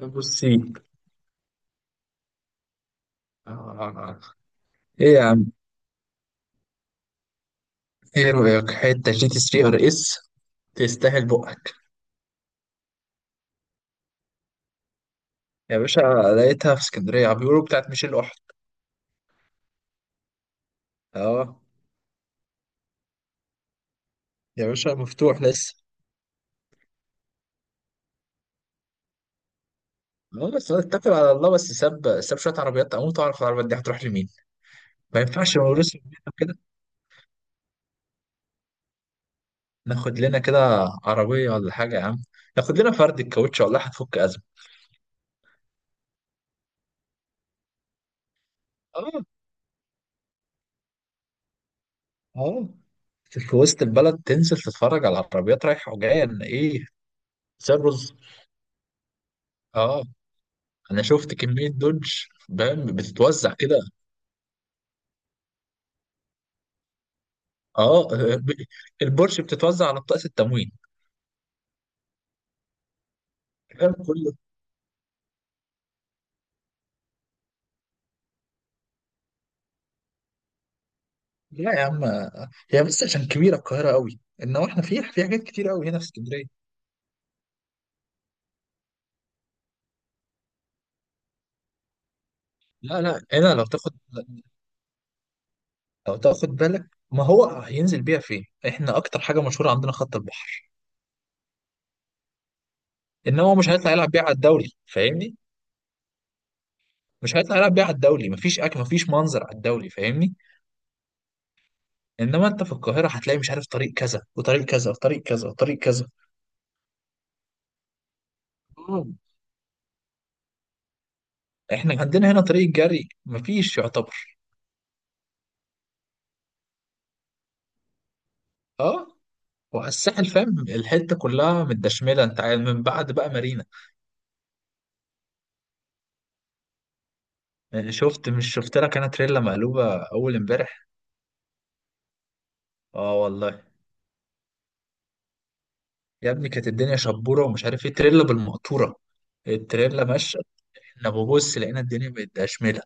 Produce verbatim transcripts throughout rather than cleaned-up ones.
بصي، آه. ايه يا عم، ايه رأيك حتة جي تي تلاتة ار اس؟ تستاهل بقك يا باشا. لقيتها في اسكندرية، عم بيقولوا بتاعت ميشيل أحد. اه يا باشا، مفتوح لسه. اه، بس أنا اتكل على الله. بس ساب ساب شوية عربيات، اموت اعرف العربيات دي هتروح لمين. ما ينفعش نورث كده. ناخد لنا كده عربية ولا حاجة يا عم، ناخد لنا فرد الكاوتش والله هتفك أزمة. اه، اه. في وسط البلد تنزل تتفرج على العربيات رايحة وجاية، إن ايه، زي الرز. اه، انا شفت كميه دوج، فاهم، بتتوزع كده. اه. ب- البورش بتتوزع على بطاقه التموين، فاهم كله. لا يا عم، هي بس عشان كبيره القاهره قوي. انما احنا في في حاجات كتير قوي هنا في اسكندريه. لا لا، هنا لو تاخد لو تاخد بالك، ما هو هينزل بيها فين؟ احنا اكتر حاجه مشهوره عندنا خط البحر. انما هو مش هيطلع يلعب بيها على الدوري، فاهمني. مش هيطلع يلعب بيها على الدوري، مفيش اكل مفيش منظر على الدوري، فاهمني. انما انت في القاهره هتلاقي مش عارف طريق كذا وطريق كذا وطريق كذا وطريق كذا. احنا عندنا هنا طريق جري مفيش، يعتبر. اه. وعلى الساحل فاهم، الحته كلها متدشمله. انت عارف من بعد بقى مارينا، يعني شفت، مش شفت لك انا تريلا مقلوبه اول امبارح؟ اه والله. يا ابني، كانت الدنيا شبوره ومش عارف ايه، تريلا بالمقطوره، التريلا ماشيه. احنا ببص لقينا الدنيا متدشمله.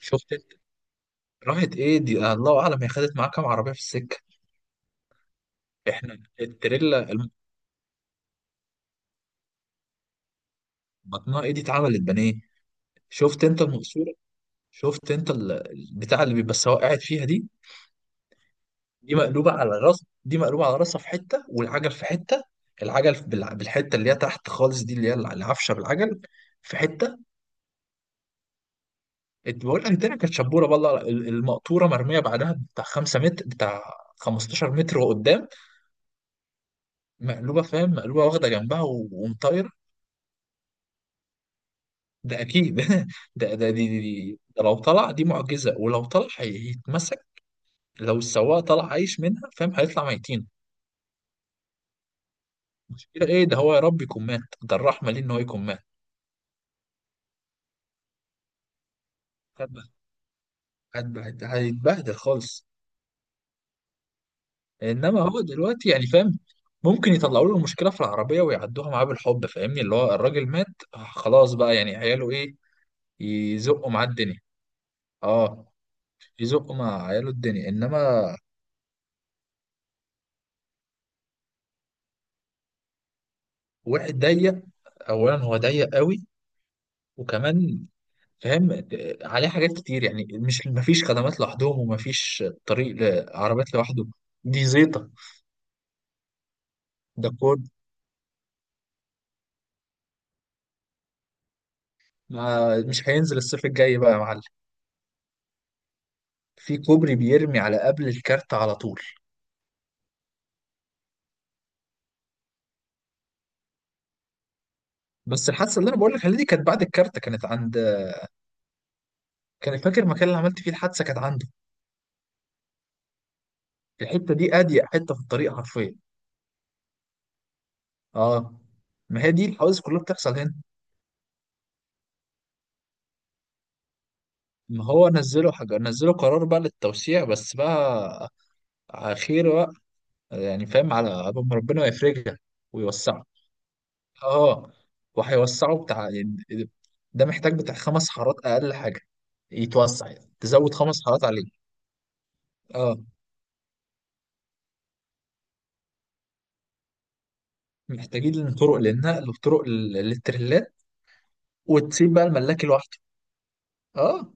شفت انت؟ راحت ايه دي، الله اعلم هي خدت معاها كام عربيه في السكه. احنا التريلا الم- بطنها ايه؟ دي اتعملت بانيه. شفت انت المقصوره؟ شفت انت ال- البتاع اللي بيبقى السواق قاعد فيها دي؟ دي مقلوبة على الراس، دي مقلوبة على راسها في حتة، والعجل في حتة. العجل في- بالع- بالحتة اللي هي تحت خالص، دي اللي هي العفشة بالعجل في حتة. إت- بقول لك الدنيا كانت شبورة، بالله ال- المقطورة مرمية بعدها بتاع خمسة متر، بتاع خمسة عشر متر وقدام مقلوبة، فاهم، مقلوبة واخدة جنبها و- ومطايرة. ده أكيد. ده ده دي, دي, دي ده لو طلع دي معجزة، ولو طلع هي- هيتمسك. لو السواق طلع عايش منها، فاهم، هيطلع ميتين. مشكلة إيه؟ ده هو يا رب يكون مات، ده الرحمة ليه إن هو يكون مات. هتبهد- هيتبهدل خالص. انما هو دلوقتي يعني فاهم، ممكن يطلعوا له المشكله في العربيه ويعدوها معاه بالحب، فاهمني، اللي هو الراجل مات، آه، خلاص بقى يعني، عياله ايه، يزقوا معاه الدنيا. اه، يزقوا مع عياله الدنيا، انما. واحد ضيق، اولا هو ضيق قوي، وكمان فاهم آه، عليه حاجات كتير، يعني مش مفيش خدمات لوحدهم ومفيش طريق لعربيات لوحده. دي زيطه. ده كود. ما- مش هينزل الصيف الجاي بقى يا معلم. في كوبري بيرمي على قبل الكارت على طول. بس الحادثه اللي انا بقول لك عليها دي كانت بعد الكارت، كانت عند، كان فاكر المكان اللي عملت فيه الحادثه كانت عنده. الحته دي اضيق حته في الطريق حرفيا. اه، ما هي دي الحوادث كلها بتحصل هنا. ما هو نزلوا حاجه، نزلوا قرار بقى للتوسيع، بس بقى على خير بقى، يعني فاهم، على قبل ما ربنا يفرجها ويوسعها. اه، وهيوسعوا بتاع يعني. ده محتاج بتاع خمس حارات اقل حاجه، يتوسع يعني. تزود خمس حارات عليه. اه، محتاجين طرق للنقل وطرق لل- للتريلات، وتسيب بقى الملاك لوحده. اه،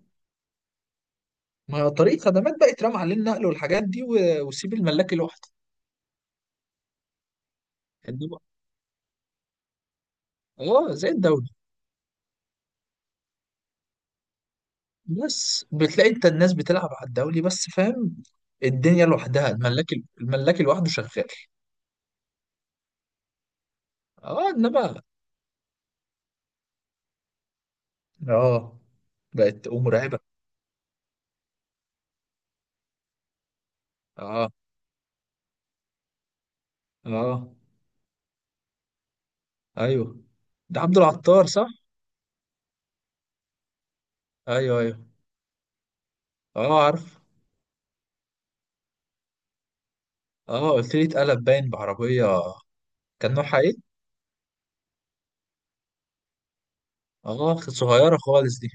ما طريق خدمات بقى يترمى عليه النقل والحاجات دي، و- وسيب الملاك لوحده. إنما- اه، زي الدولي. بس بتلاقي انت الناس بتلعب على الدولي بس، فاهم. الدنيا لوحدها الملاك، الملاك لوحده شغال. اه، انما. اه، بقت مرعبة. اه، اه، ايوه. ده عبد العطار، صح؟ ايوه، ايوه. اه عارف. اه، قلت لي اتقلب باين بعربية. كان نوعها ايه؟ اه، صغيرة خالص دي.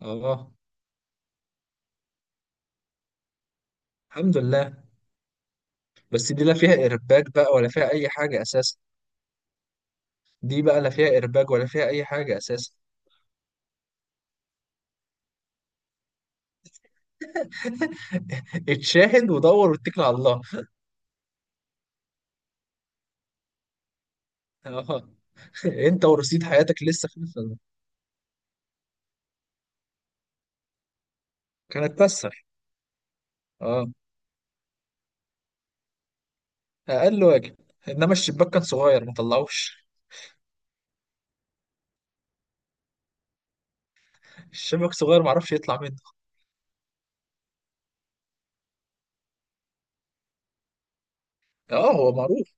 اه، الحمد لله. بس دي لا فيها ايرباج بقى ولا فيها اي حاجة اساسا. دي بقى لا فيها ايرباج ولا فيها اي حاجة اساسا. اتشاهد ودور واتكل على الله. اه. انت ورصيد حياتك لسه في الفيلم. كانت تكسر، اه، اقل واجب. انما الشباك كان صغير ما طلعوش، الشباك صغير ما عرفش يطلع منه. اه هو معروف.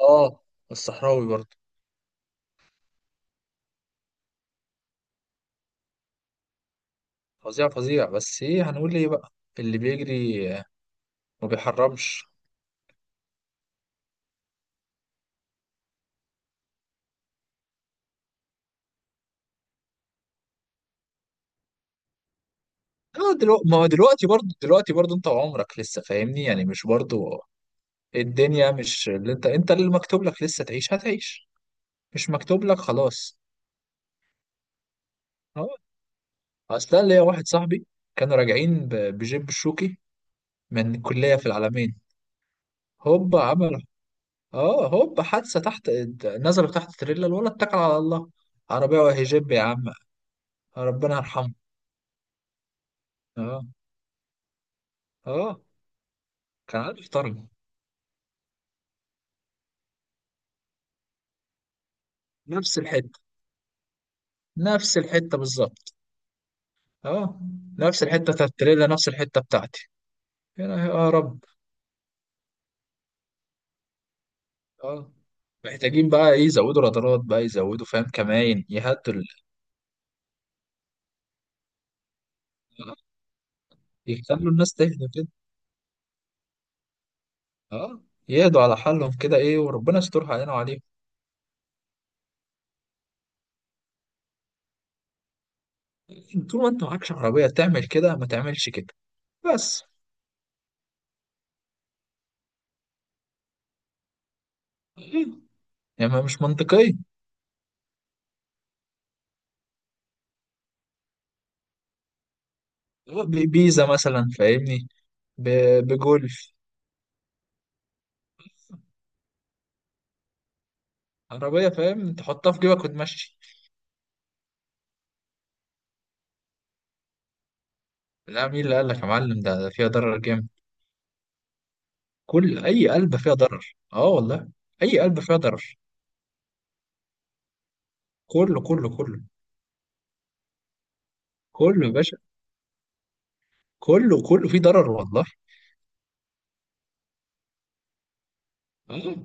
اه، الصحراوي برضه فظيع فظيع. بس ايه هنقول ايه بقى، اللي بيجري ما بيحرمش. اه، دلوقتي ما هو دلوقتي برضه دلوقتي برضه، انت وعمرك لسه فاهمني، يعني مش برضه، الدنيا مش اللي انت انت اللي مكتوب لك لسه تعيش هتعيش، مش مكتوب لك خلاص. اه. اصل انا ليا واحد صاحبي، كانوا راجعين ب- بجيب الشوكي من الكلية في العلمين، هوب عمل، اه، هوب حادثة تحت. نزلوا تحت تريلا، الولد اتكل على الله، عربية وهي جيب يا عم. ربنا يرحمه. اه، اه. كان عارف طرنه. نفس الحتة، نفس الحتة بالظبط. اه، نفس الحته بتاعت التريلا نفس الحته بتاعتي، هنا يا رب. اه، محتاجين بقى ايه، يزودوا رادارات بقى، يزودوا فاهم كمان، يهدوا ال- آه، يخلوا الناس تهدى كده. اه، يهدوا على حالهم كده ايه، وربنا يسترها علينا وعليهم. طول ما انت معكش عربيه تعمل كده، ما تعملش كده. بس إيه؟ يعني ما مش منطقيه. ب- بيزا مثلا فاهمني، ب- بجولف. عربيه فاهم تحطها في جيبك وتمشي. لا، مين اللي قال لك يا معلم؟ ده ده فيها ضرر جامد. كل اي علبه فيها ضرر، اه والله. اي علبه فيها ضرر، كله كله كله، كله يا باشا، كله كله فيه ضرر والله. آه.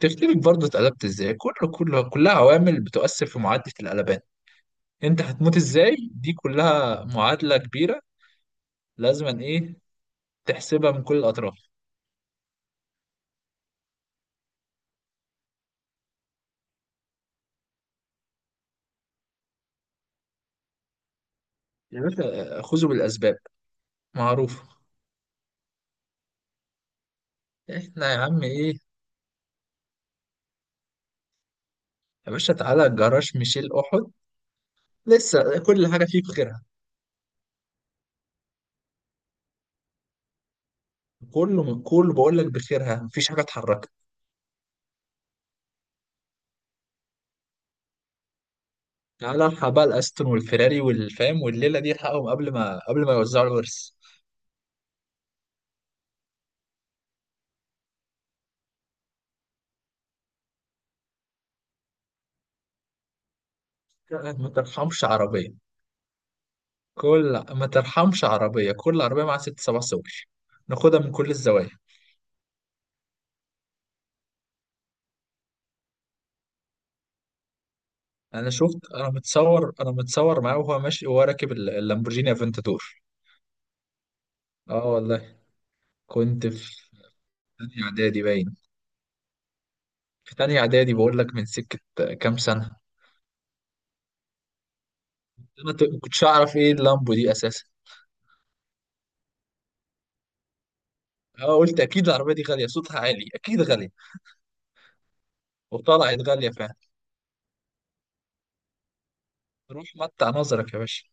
تفتكر برضه اتقلبت ازاي؟ كله كله كلها عوامل بتؤثر في معادله القلبان. انت هتموت ازاي، دي كلها معادله كبيره، لازم ايه، تحسبها من كل الاطراف. يا باشا آه، خذوا بالاسباب، معروف. احنا يا عم ايه، يا باشا، تعالى جراج ميشيل احد، لسه كل حاجه فيه بخيرها. كله كله بقول لك بخيرها، مفيش حاجه اتحركت. تعالى الحق بقى الاستون والفيراري والفام والليله دي، الحقهم قبل ما قبل ما يوزعوا الورث. ما ترحمش عربيه، كل ما ترحمش عربيه، كل عربيه معاها ست سبع سواق، ناخدها من كل الزوايا. انا شفت انا متصور انا متصور معاه، وهو ماشي وهو راكب ال- اللامبورجيني افنتادور. اه والله. كنت في تانية اعدادي باين، في تانية اعدادي بقول لك، من سكه كام سنه. انا ت- ما كنتش اعرف ايه اللامبو دي اساسا. اه، قلت اكيد العربيه دي غاليه، صوتها عالي اكيد غاليه. وطلعت غاليه فعلا. روح متع نظرك يا باشا.